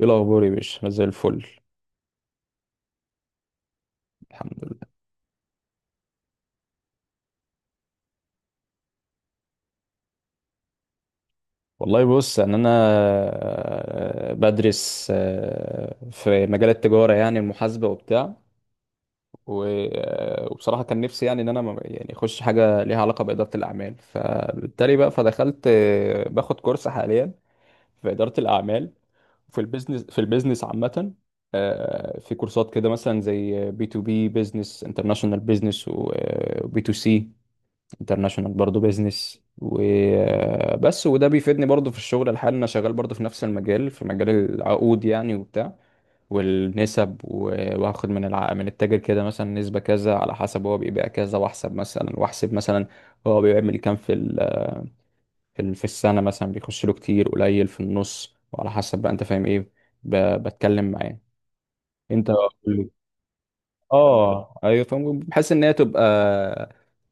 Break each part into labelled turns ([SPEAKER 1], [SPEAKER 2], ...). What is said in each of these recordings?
[SPEAKER 1] ايه الاخبار يا باشا، انا زي الفل. الحمد لله. والله بص، ان انا بدرس في مجال التجاره، يعني المحاسبه وبتاع. و- وبصراحه كان نفسي يعني ان انا يعني اخش حاجه ليها علاقه باداره الاعمال، فبالتالي بقى فدخلت باخد كورس حاليا في اداره الاعمال. في البيزنس، عامة. في كورسات كده مثلا زي بي تو بي بيزنس، انترناشونال بيزنس، وبي تو سي انترناشونال برضه بيزنس وبس. وده بيفيدني برضه في الشغل الحالي، انا شغال برضه في نفس المجال، في مجال العقود يعني وبتاع، والنسب. وهاخد من من التاجر كده مثلا نسبة كذا، على حسب هو بيبيع كذا. واحسب مثلا، واحسب مثلا هو بيعمل كام في في السنة، مثلا بيخش له كتير قليل في النص، وعلى حسب بقى انت فاهم ايه. بتكلم معاه. انت قول لي. اه ايوه، فاهم. بحيث ان هي تبقى،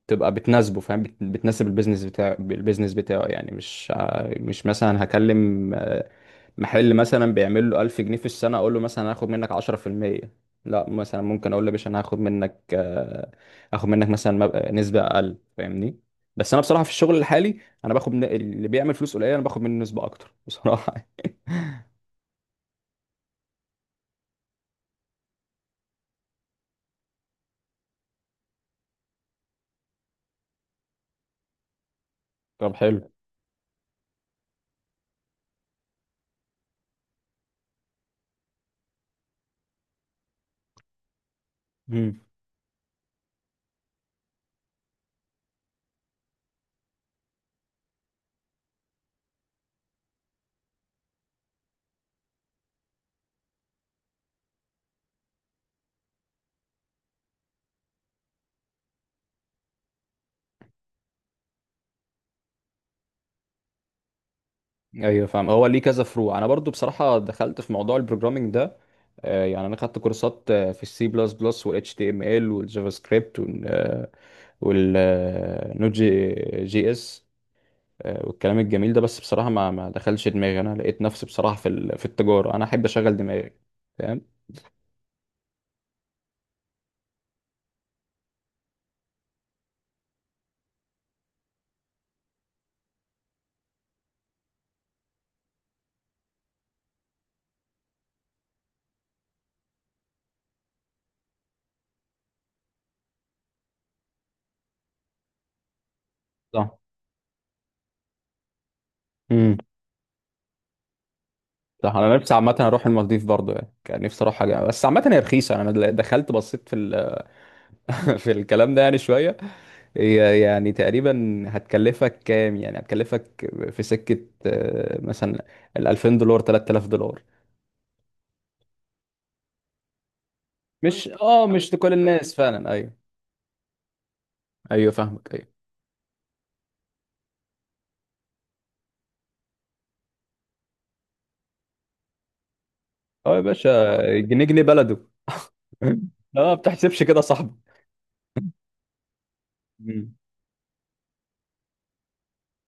[SPEAKER 1] بتناسبه، فاهم، بتناسب البيزنس بتاعه. البيزنس بتاعه يعني مش مثلا هكلم محل مثلا بيعمل له 1000 جنيه في السنة، اقول له مثلا هاخد منك 10%. لا مثلا ممكن اقول له يا باشا، انا هاخد منك هاخد منك مثلا نسبة اقل، فاهمني. بس انا بصراحة في الشغل الحالي، انا باخد من اللي بيعمل فلوس قليلة انا باخد منه نسبة اكتر بصراحة. طب حلو. ايوه فاهم، هو ليه كذا فروع. انا برضو بصراحه دخلت في موضوع البروجرامنج ده، يعني انا خدت كورسات في السي بلس بلس، والاتش تي ام ال، والجافا سكريبت، والنوت جي جي اس. والكلام الجميل ده. بس بصراحه ما دخلش دماغي. انا لقيت نفسي بصراحه في في التجاره، انا احب اشغل دماغي، فاهم. صح. امم. صح، انا نفسي عامه اروح المالديف برضو، يعني كان نفسي اروح حاجه، بس عامه هي رخيصه. انا دخلت بصيت في ال في الكلام ده يعني شوية. هي يعني تقريبا هتكلفك كام؟ يعني هتكلفك في سكة مثلا ال 2000 دولار، 3000 دولار. مش، اه مش لكل الناس فعلا، ايوه. ايوه فاهمك ايوه. اه يا باشا، جنيه جنيه بلده. اه، ما بتحسبش كده يا صاحبي. مم.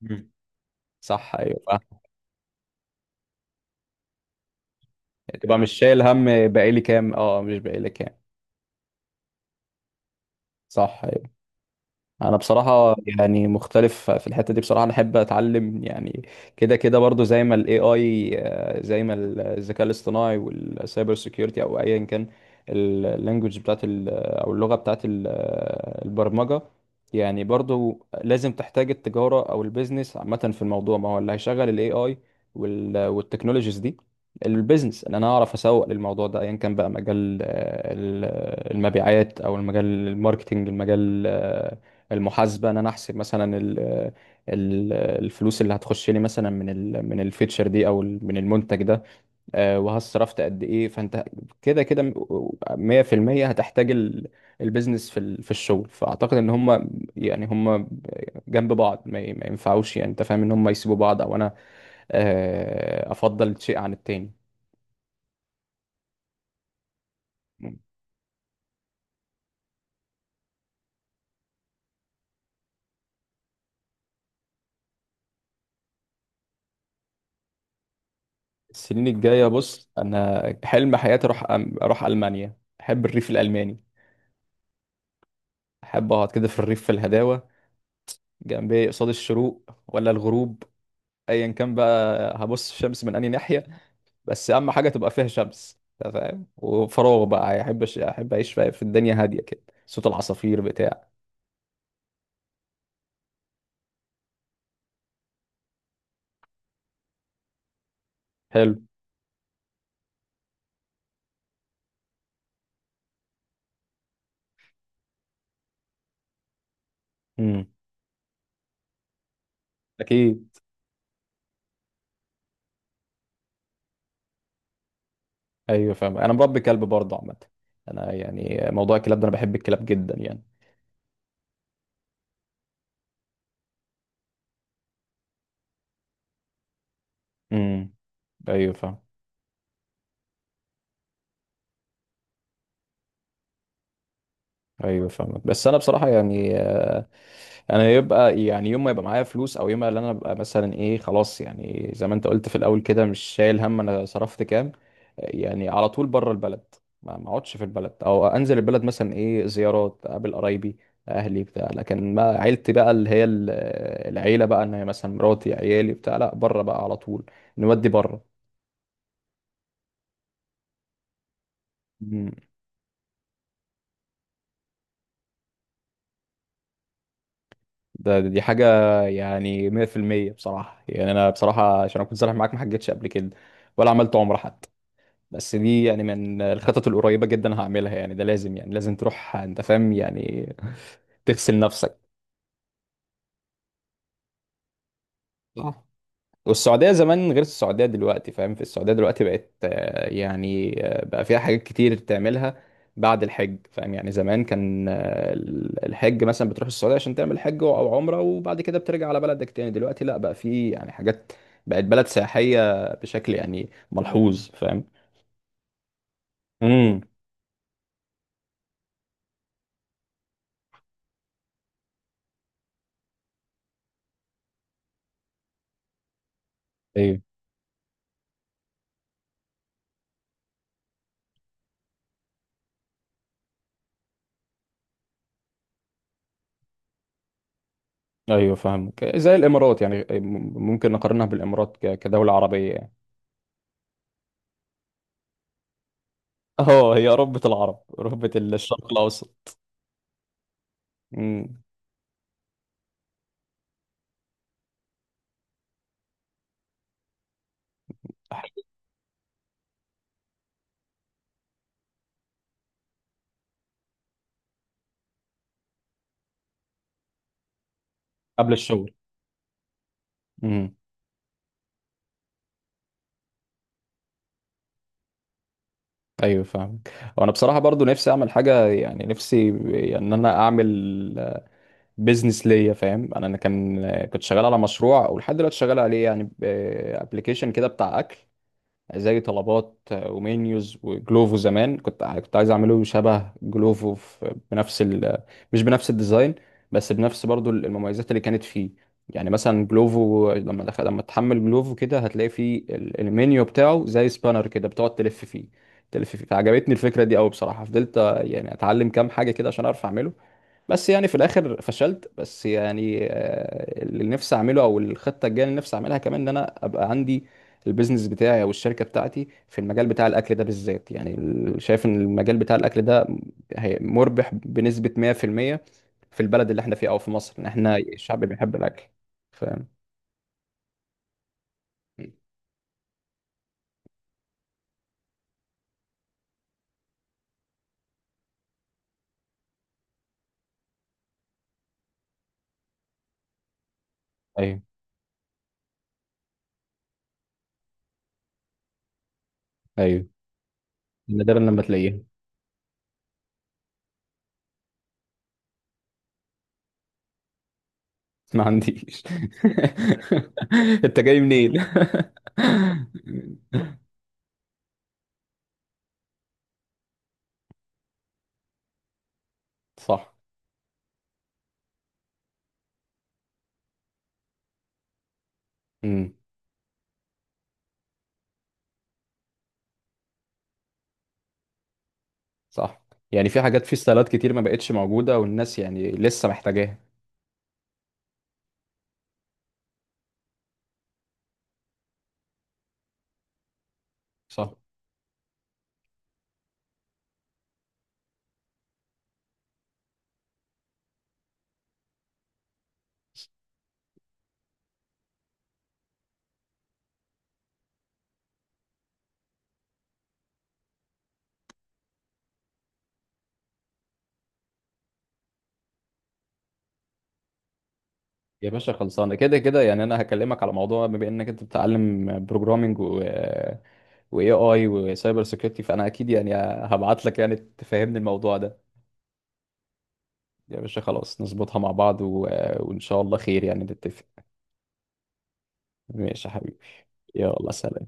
[SPEAKER 1] مم. صح، ايوه فاهم. تبقى مش شايل هم بقالي كام، اه مش بقالي كام. صح، أيوه. انا بصراحه يعني مختلف في الحته دي، بصراحه انا احب اتعلم يعني كده كده برضو. زي ما الاي اي، زي ما الذكاء الاصطناعي والسايبر سيكيورتي، او ايا كان اللانجوج بتاعت او اللغه بتاعت البرمجه. يعني برضو لازم تحتاج التجاره او البيزنس عامه في الموضوع، ما هو اللي هيشغل الاي اي والتكنولوجيز دي البيزنس. ان انا اعرف اسوق للموضوع ده، ايا كان بقى مجال المبيعات، او المجال الماركتينج، المجال المحاسبه، ان انا احسب مثلا ال ال الفلوس اللي هتخش لي مثلا من من الفيتشر دي او من المنتج ده. وها صرفت قد ايه. فانت كده كده 100% هتحتاج البيزنس في في الشغل. فاعتقد ان هم يعني هم جنب بعض ما ينفعوش، يعني انت فاهم ان هم يسيبوا بعض، او انا افضل شيء عن التاني. السنين الجايه بص، انا حلم حياتي اروح اروح المانيا. احب الريف الالماني، احب اقعد كده في الريف، في الهداوه، جنب ايه، قصاد الشروق ولا الغروب، ايا كان بقى. هبص الشمس من انهي ناحيه، بس اهم حاجه تبقى فيها شمس، أنت فاهم، وفراغ بقى. يعني احب احب اعيش في الدنيا هاديه كده، صوت العصافير بتاع حلو. امم. اكيد. ايوه فاهم، انا مربي كلب برضه عامه. انا يعني موضوع الكلاب ده، انا بحب الكلاب جدا يعني. امم. ايوه فاهم. ايوه فاهمك. بس انا بصراحه يعني، انا يبقى يعني يوم ما يبقى معايا فلوس، او يوم ما اللي انا ابقى مثلا ايه خلاص، يعني زي ما انت قلت في الاول كده مش شايل هم انا صرفت كام، يعني على طول بره البلد. ما اقعدش في البلد، او انزل البلد مثلا ايه زيارات، اقابل قرايبي اهلي بتاع لكن ما عيلتي بقى اللي هي العيله بقى، ان هي مثلا مراتي عيالي بتاع لا بره بقى على طول، نودي بره. مم. ده دي حاجه يعني 100% بصراحه. يعني انا بصراحه عشان اكون صريح معاك، ما حجتش قبل كده، ولا عملت عمره حتى. بس دي يعني من الخطط القريبة جدا هعملها، يعني ده لازم، يعني لازم تروح، انت فاهم يعني. تغسل نفسك. صح. والسعودية زمان غير السعودية دلوقتي، فاهم. في السعودية دلوقتي بقت يعني بقى فيها حاجات كتير تعملها بعد الحج، فاهم. يعني زمان كان الحج مثلا بتروح السعودية عشان تعمل حج أو عمرة، وبعد كده بترجع على بلدك تاني. دلوقتي لا، بقى في يعني حاجات، بقت بلد سياحية بشكل يعني ملحوظ، فاهم. امم. ايوه فاهمك، زي الامارات يعني. ممكن نقارنها بالامارات كدوله عربيه يعني. اه هي ربة العرب، ربة الشرق الاوسط. امم. قبل الشغل. امم. ايوه فاهمك. وانا بصراحه برضو نفسي اعمل حاجه، يعني نفسي يعني ان انا اعمل بيزنس ليا، فاهم. انا أنا كان كنت شغال على مشروع، ولحد دلوقتي شغال عليه. يعني ابلكيشن كده بتاع اكل، زي طلبات ومنيوز وجلوفو. زمان كنت عايز اعمله شبه جلوفو بنفس مش بنفس الديزاين، بس بنفس برضو المميزات اللي كانت فيه. يعني مثلا جلوفو لما تحمل جلوفو كده، هتلاقي فيه المنيو بتاعه زي سبانر كده، بتقعد تلف فيه تلف فيه. فعجبتني الفكرة دي قوي بصراحة. فضلت يعني اتعلم كام حاجة كده عشان اعرف اعمله، بس يعني في الاخر فشلت. بس يعني اللي نفسي اعمله، او الخطه الجايه اللي نفسي اعملها كمان، ان انا ابقى عندي البيزنس بتاعي او الشركه بتاعتي في المجال بتاع الاكل ده بالذات. يعني شايف ان المجال بتاع الاكل ده مربح بنسبه 100% في المية، في البلد اللي احنا فيه او في مصر. ان احنا الشعب بيحب الاكل، فاهم. ايوه. ايوه. نادرا لما تلاقيها. ما عنديش. انت جاي منين؟ صح. مم. صح. يعني في حاجات في ستايلات كتير ما بقتش موجودة، والناس يعني لسه محتاجاها. صح. يا باشا خلصانة، كده كده يعني. أنا هكلمك على موضوع، بما إنك أنت بتتعلم بروجرامينج و وإي آي وسايبر سيكيورتي، فأنا أكيد يعني هبعت لك يعني تفهمني الموضوع ده. يا باشا خلاص، نظبطها مع بعض وإن شاء الله خير، يعني نتفق. ماشي يا حبيبي. يلا سلام.